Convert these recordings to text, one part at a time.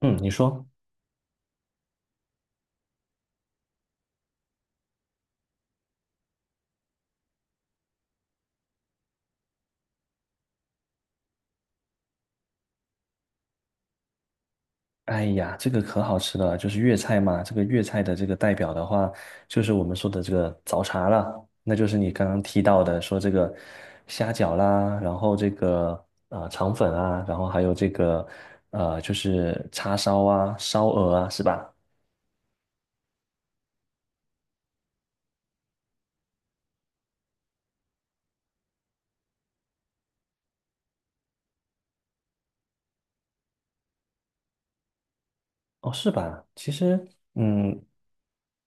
嗯，你说。哎呀，这个可好吃了，就是粤菜嘛。这个粤菜的这个代表的话，就是我们说的这个早茶了，那就是你刚刚提到的，说这个虾饺啦，然后这个啊肠粉啊，然后还有这个就是叉烧啊、烧鹅啊，是吧？哦，是吧？其实，嗯。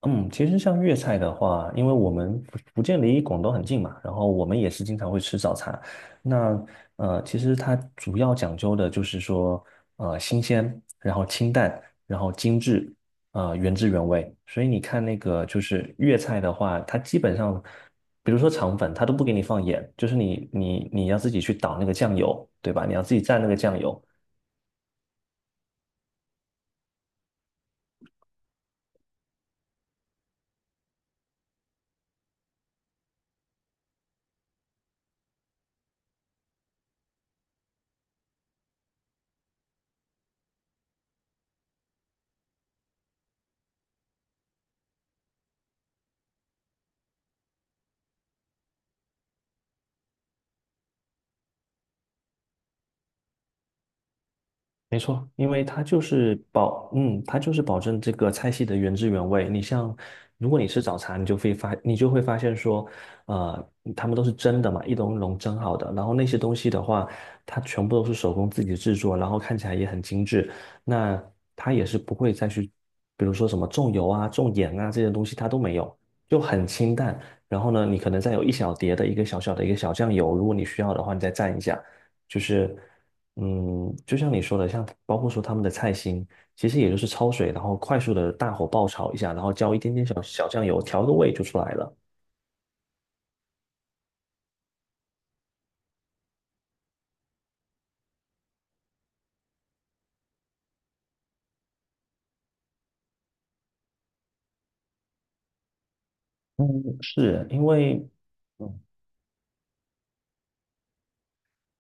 嗯，其实像粤菜的话，因为我们福建离广东很近嘛，然后我们也是经常会吃早茶。那其实它主要讲究的就是说，新鲜，然后清淡，然后精致，原汁原味。所以你看那个就是粤菜的话，它基本上，比如说肠粉，它都不给你放盐，就是你要自己去倒那个酱油，对吧？你要自己蘸那个酱油。没错，因为它就是保，嗯，它就是保证这个菜系的原汁原味。你像，如果你吃早茶，你就会发，你就会发现说，他们都是蒸的嘛，一笼一笼蒸好的。然后那些东西的话，它全部都是手工自己制作，然后看起来也很精致。那它也是不会再去，比如说什么重油啊、重盐啊这些东西，它都没有，就很清淡。然后呢，你可能再有一小碟的一个小小的一个小酱油，如果你需要的话，你再蘸一下，就是。嗯，就像你说的，像包括说他们的菜心，其实也就是焯水，然后快速的大火爆炒一下，然后浇一点点小小酱油，调个味就出来了。嗯，是因为，嗯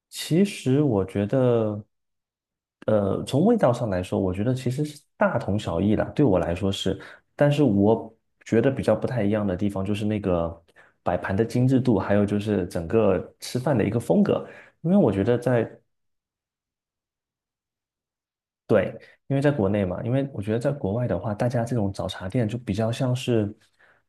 其实我觉得，从味道上来说，我觉得其实是大同小异啦，对我来说是，但是我觉得比较不太一样的地方就是那个摆盘的精致度，还有就是整个吃饭的一个风格。因为我觉得在。对，因为在国内嘛，因为我觉得在国外的话，大家这种早茶店就比较像是，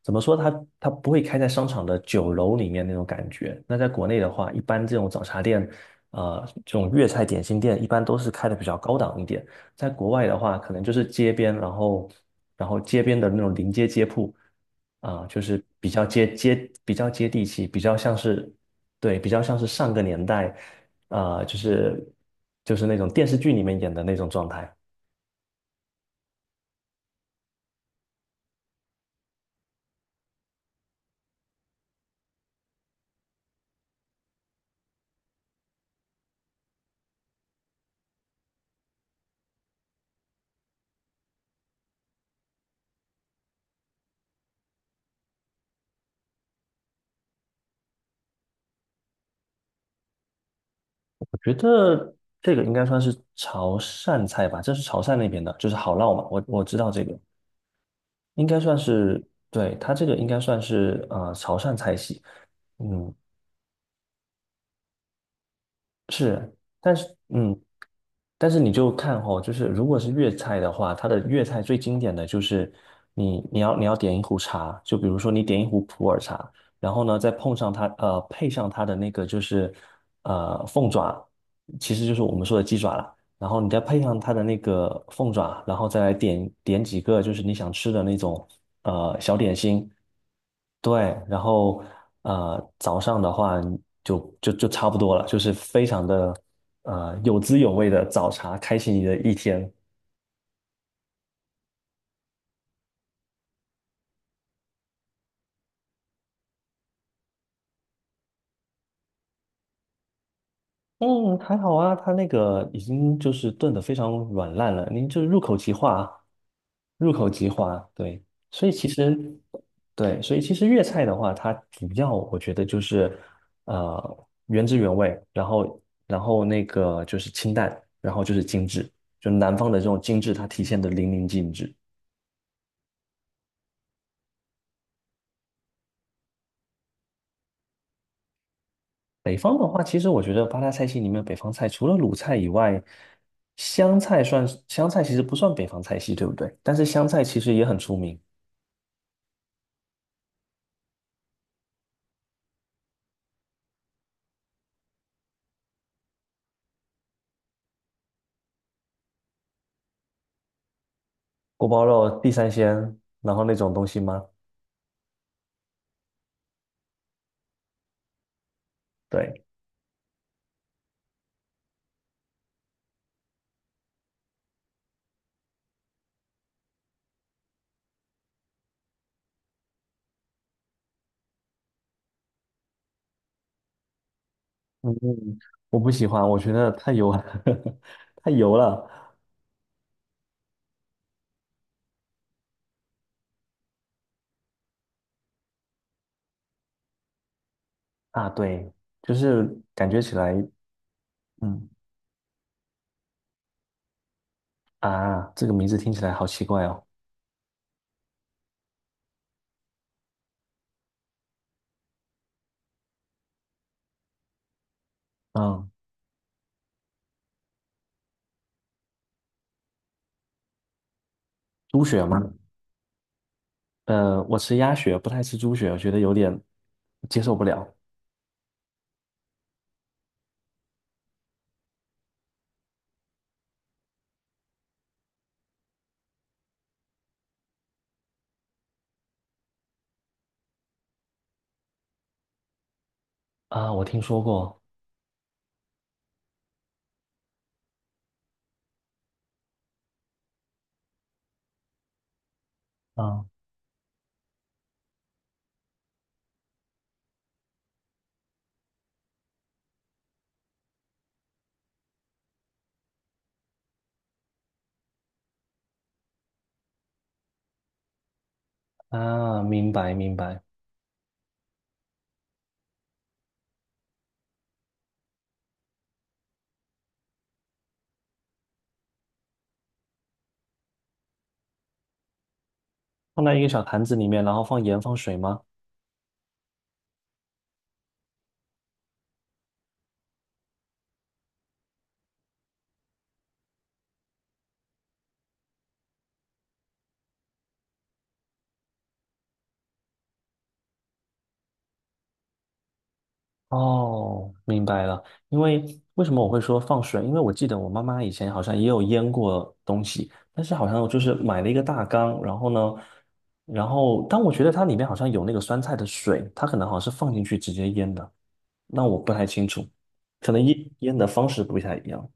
怎么说，它不会开在商场的酒楼里面那种感觉。那在国内的话，一般这种早茶店，这种粤菜点心店一般都是开的比较高档一点。在国外的话，可能就是街边，然后街边的那种临街街铺，啊、就是比较比较接地气，比较像是。对，比较像是上个年代。啊，就是那种电视剧里面演的那种状态。我觉得这个应该算是潮汕菜吧，这是潮汕那边的，就是好烙嘛。我知道这个应该算是，对，它这个应该算是啊潮汕菜系。嗯，是。但是嗯，但是你就看哦，就是如果是粤菜的话，它的粤菜最经典的就是你要点一壶茶，就比如说你点一壶普洱茶，然后呢再碰上它配上它的那个就是凤爪，其实就是我们说的鸡爪啦，然后你再配上它的那个凤爪，然后再来点几个就是你想吃的那种小点心，对，然后早上的话就差不多了，就是非常的有滋有味的早茶，开启你的一天。嗯，还好啊，它那个已经就是炖的非常软烂了，您就是入口即化，入口即化，对，所以其实，对，所以其实粤菜的话，它主要我觉得就是原汁原味，然后那个就是清淡，然后就是精致，就南方的这种精致，它体现的淋漓尽致。北方的话，其实我觉得八大菜系里面，北方菜除了鲁菜以外，湘菜其实不算北方菜系，对不对？但是湘菜其实也很出名。锅包肉、地三鲜，然后那种东西吗？对，嗯，我不喜欢，我觉得太油了，太油了。啊！对，就是感觉起来，嗯。啊，这个名字听起来好奇怪哦。嗯，猪血吗？我吃鸭血，不太吃猪血，我觉得有点接受不了。啊。我听说过。啊。啊，明白明白。放在一个小坛子里面，然后放盐放水吗？哦，明白了。因为为什么我会说放水？因为我记得我妈妈以前好像也有腌过东西，但是好像就是买了一个大缸，然后呢，然后但我觉得它里面好像有那个酸菜的水，它可能好像是放进去直接腌的，那我不太清楚，可能腌的方式不太一样。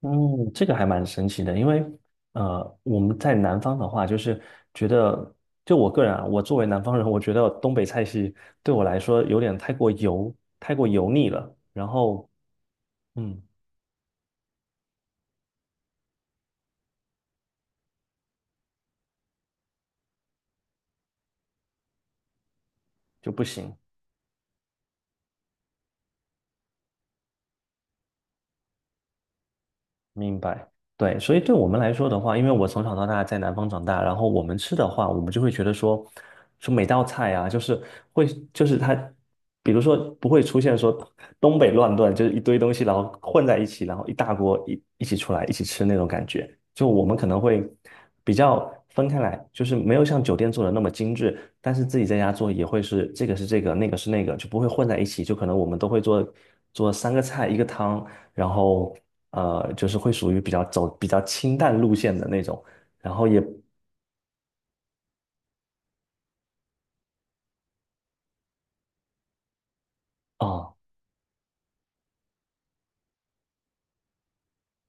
嗯，这个还蛮神奇的，因为我们在南方的话，就是觉得，就我个人啊，我作为南方人，我觉得东北菜系对我来说有点太过油，太过油腻了，然后嗯就不行。明白，对，所以对我们来说的话，因为我从小到大在南方长大，然后我们吃的话，我们就会觉得说，说每道菜啊，就是会，就是它，比如说不会出现说东北乱炖，就是一堆东西然后混在一起，然后一大锅一起出来一起吃那种感觉。就我们可能会比较分开来，就是没有像酒店做的那么精致，但是自己在家做也会是这个是这个，那个是那个，就不会混在一起。就可能我们都会做三个菜一个汤，然后就是会属于比较走比较清淡路线的那种，然后也啊、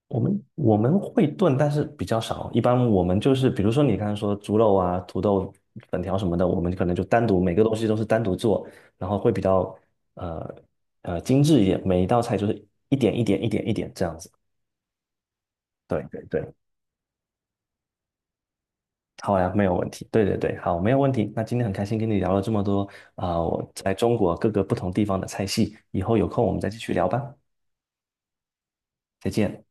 我们会炖，但是比较少。一般我们就是，比如说你刚才说猪肉啊、土豆粉条什么的，我们可能就单独每个东西都是单独做，然后会比较呃精致一点，每一道菜就是一点一点一点一点这样子。对对对，好呀，没有问题。对对对，好，没有问题。那今天很开心跟你聊了这么多啊、我在中国各个不同地方的菜系，以后有空我们再继续聊吧。再见。